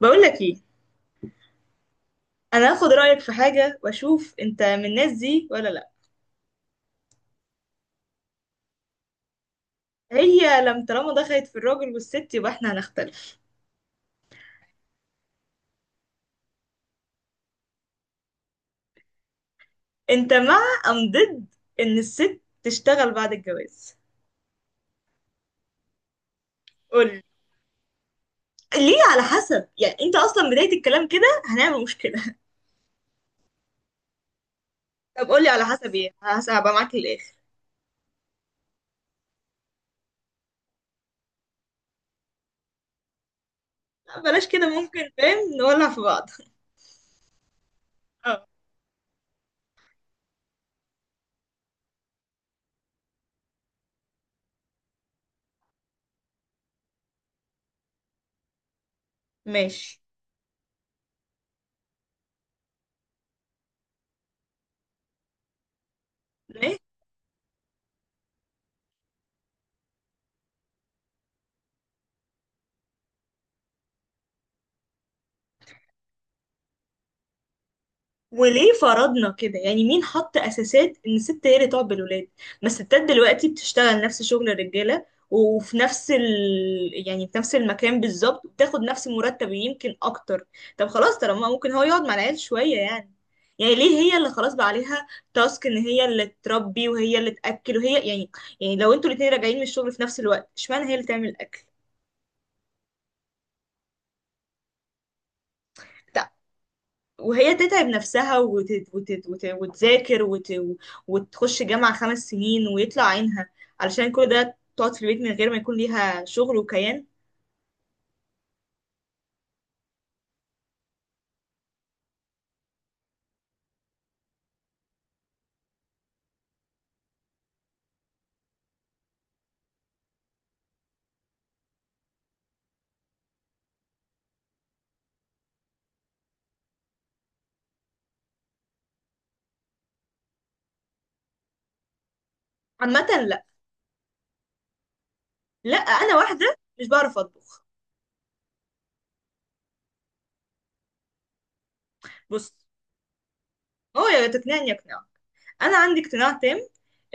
بقول لك ايه؟ انا هاخد رايك في حاجه واشوف انت من الناس دي ولا لا. هي لم طالما دخلت في الراجل والست يبقى احنا هنختلف. انت مع ضد ان الست تشتغل بعد الجواز؟ قولي. ليه على حسب؟ يعني انت اصلا بدايه الكلام كده هنعمل مشكله؟ طب قولي على حسب ايه. هبقى معاك للاخر. لا بلاش كده، ممكن فاهم نولع في بعض. اه ماشي. وليه فرضنا كده؟ يعني مين حط اساسات ان الست هي اللي تقعد بالولاد؟ ما الستات دلوقتي بتشتغل نفس شغل الرجاله، وفي نفس ال... يعني في نفس المكان بالظبط وبتاخد نفس المرتب، يمكن اكتر. طب خلاص، طالما ممكن هو يقعد مع العيال شويه يعني، يعني ليه هي اللي خلاص بقى عليها تاسك ان هي اللي تربي وهي اللي تاكل وهي يعني. يعني لو انتوا الاتنين راجعين من الشغل في نفس الوقت اشمعنى هي اللي تعمل الاكل، وهي تتعب نفسها وتذاكر وتخش جامعة 5 سنين ويطلع عينها علشان كل ده تقعد في البيت من غير ما يكون ليها شغل وكيان؟ عامة لا. لا أنا واحدة مش بعرف أطبخ. بص، هو يا تقنعني يقنع. أنا عندي اقتناع تام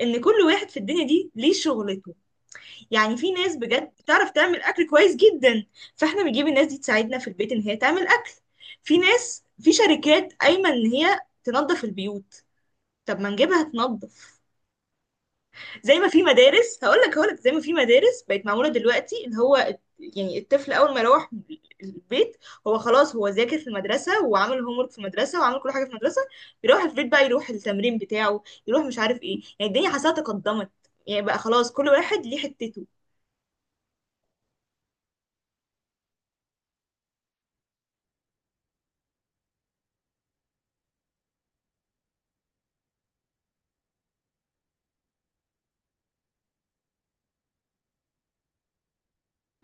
إن كل واحد في الدنيا دي ليه شغلته. يعني في ناس بجد بتعرف تعمل أكل كويس جدا، فإحنا بنجيب الناس دي تساعدنا في البيت إن هي تعمل أكل. في ناس في شركات قايمة إن هي تنظف البيوت، طب ما نجيبها تنظف. زي ما في مدارس، هقول لك، زي ما في مدارس بقت معموله دلوقتي، اللي هو يعني الطفل اول ما يروح البيت هو خلاص، هو ذاكر في المدرسه وعمل هوم ورك في المدرسه وعمل كل حاجه في المدرسه، بيروح البيت بقى يروح التمرين بتاعه، يروح مش عارف ايه. يعني الدنيا حاسه تقدمت، يعني بقى خلاص كل واحد ليه حتته.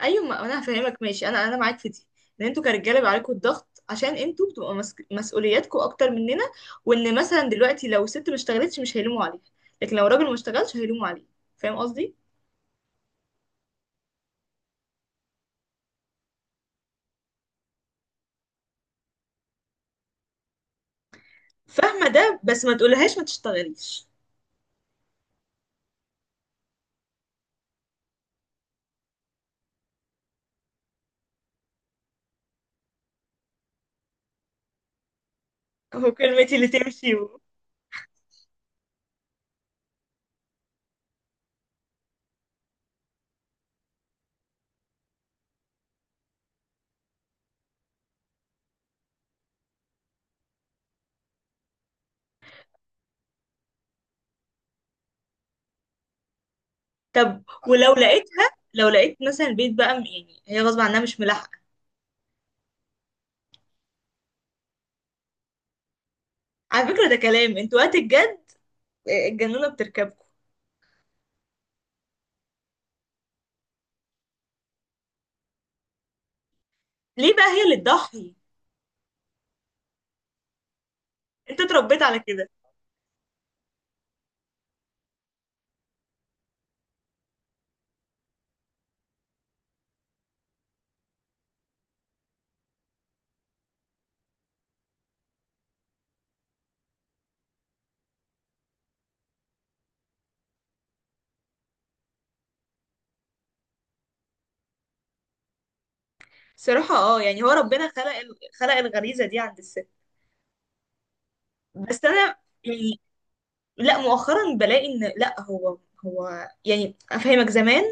ايوه، ما انا هفهمك. ماشي، انا معاك في دي، ان انتوا كرجاله بيبقى عليكم الضغط عشان انتوا بتبقوا مسؤولياتكم اكتر مننا. وان مثلا دلوقتي لو ست ما اشتغلتش مش هيلوموا عليها، لكن لو راجل ما اشتغلش هيلوموا عليه. فاهم قصدي؟ فاهمه، ده بس ما تقولهاش ما تشتغليش. هو كلمتي اللي تمشي. طب ولو لقيت مثلا البيت بقى يعني هي غصب عنها مش ملاحقه. على فكره ده كلام انتوا وقت الجد، الجنونه بتركبكم. ليه بقى هي اللي تضحي؟ انت اتربيت على كده. صراحة اه، يعني هو ربنا خلق خلق الغريزة دي عند الست، بس انا يعني، لا مؤخرا بلاقي ان لا، هو يعني افهمك. زمان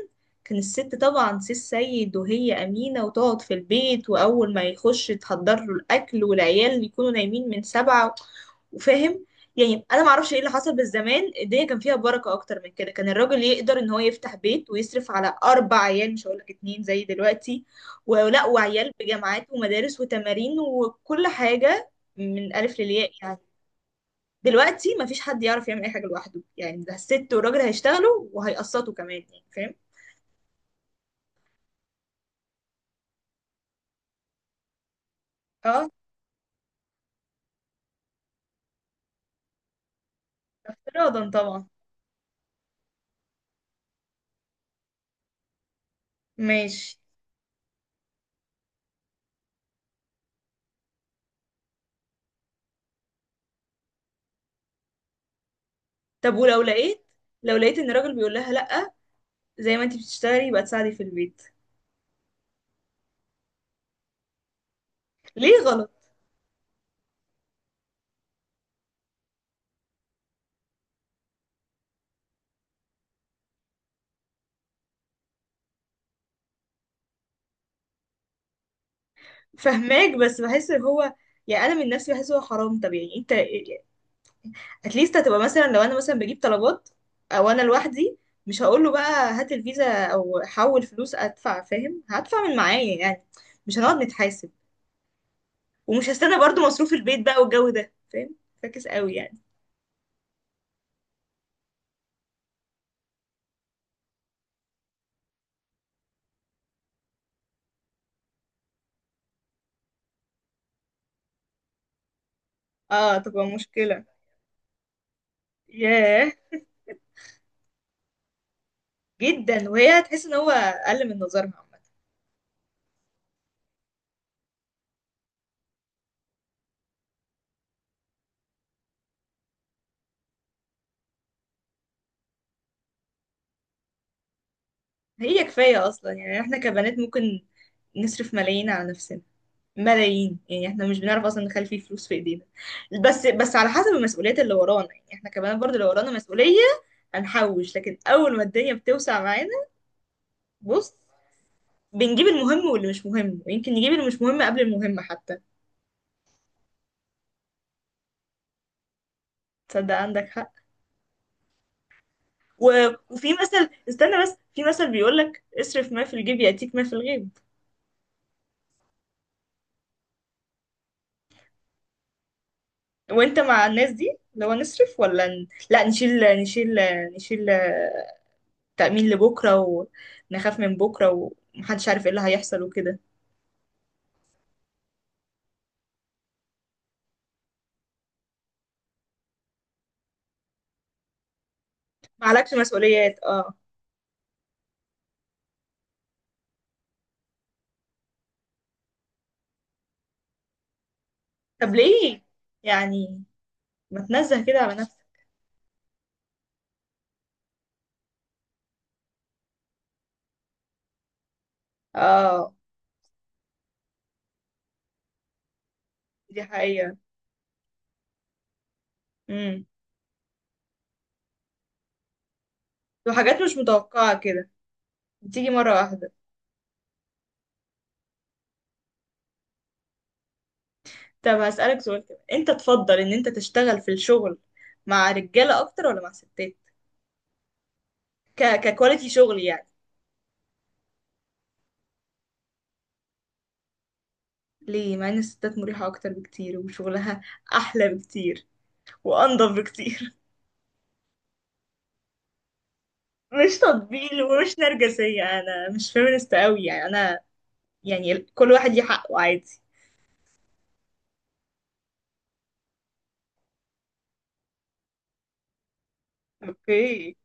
كان الست طبعا سي السيد، وهي امينه وتقعد في البيت، واول ما يخش تحضر له الاكل والعيال يكونوا نايمين من 7، وفاهم، يعني انا ما اعرفش ايه اللي حصل، بس زمان الدنيا كان فيها بركه اكتر من كده، كان الراجل يقدر ان هو يفتح بيت ويصرف على اربع عيال، مش هقول لك اتنين زي دلوقتي، وعيال بجامعات ومدارس وتمارين وكل حاجه، من الف للياء يعني. دلوقتي مفيش حد يعرف يعمل اي حاجه لوحده، يعني ده الست والراجل هيشتغلوا وهيقسطوا كمان، يعني فاهم. اه، افتراضا طبعا. ماشي. طب ولو لقيت، لو لقيت ان الراجل بيقول لها لا، زي ما انت بتشتغلي يبقى تساعدي في البيت. ليه غلط؟ فهماك، بس بحس ان هو، يعني انا من نفسي بحس هو حرام. طب يعني انت اتليست هتبقى مثلا، لو انا مثلا بجيب طلبات او انا لوحدي، مش هقول له بقى هات الفيزا او حول فلوس ادفع. فاهم هدفع من معايا يعني، مش هنقعد نتحاسب، ومش هستنى برضو مصروف البيت بقى والجو ده. فاهم؟ فاكس قوي يعني. اه تبقى مشكلة. ياه، جدا. وهي هتحس ان هو اقل من نظرها عامة. هي كفاية اصلا، يعني احنا كبنات ممكن نصرف ملايين على نفسنا، ملايين. يعني احنا مش بنعرف اصلا نخلي فيه فلوس في ايدينا. بس على حسب المسؤوليات اللي ورانا، يعني احنا كبنات برضو لو ورانا مسؤولية هنحوش، لكن اول ما الدنيا بتوسع معانا، بص، بنجيب المهم واللي مش مهم، ويمكن نجيب اللي مش مهم قبل المهم حتى. تصدق عندك حق. وفي مثل، استنى بس، في مثل بيقول لك اصرف ما في الجيب يأتيك ما في الغيب. وانت مع الناس دي اللي هو نصرف ولا لا، نشيل نشيل نشيل، تأمين لبكرة، ونخاف من بكرة ومحدش عارف ايه اللي هيحصل وكده. معلكش مسؤوليات اه. طب ليه يعني؟ ما تنزه كده على نفسك. اه، دي حقيقة. امم. وحاجات مش متوقعة كده، بتيجي مرة واحدة. طب هسألك سؤال كده. انت تفضل ان انت تشتغل في الشغل مع رجالة اكتر ولا مع ستات؟ ككواليتي شغل يعني. ليه؟ مع ان الستات مريحة اكتر بكتير، وشغلها احلى بكتير وانضف بكتير. مش تطبيل ومش نرجسية، انا مش فيمينست قوي يعني انا. يعني كل واحد ليه حقه، عادي. اوكي.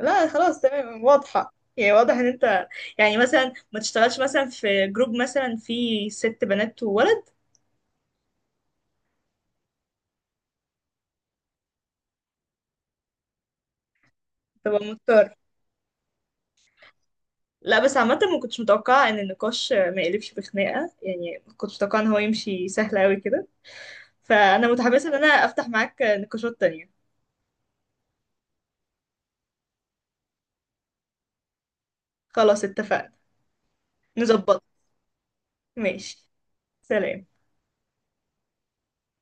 لا خلاص، تمام واضحة. يعني واضح ان انت، يعني مثلا ما تشتغلش مثلا في جروب مثلا فيه ست بنات وولد. تبقى مضطر. لا بس عامة ما كنتش متوقعة ان النقاش ما يقلبش بخناقة، يعني كنت متوقعة ان هو يمشي سهل قوي كده. فانا متحمسه ان انا افتح معاك نقاشات تانية. خلاص اتفقنا. نظبط. ماشي. سلام.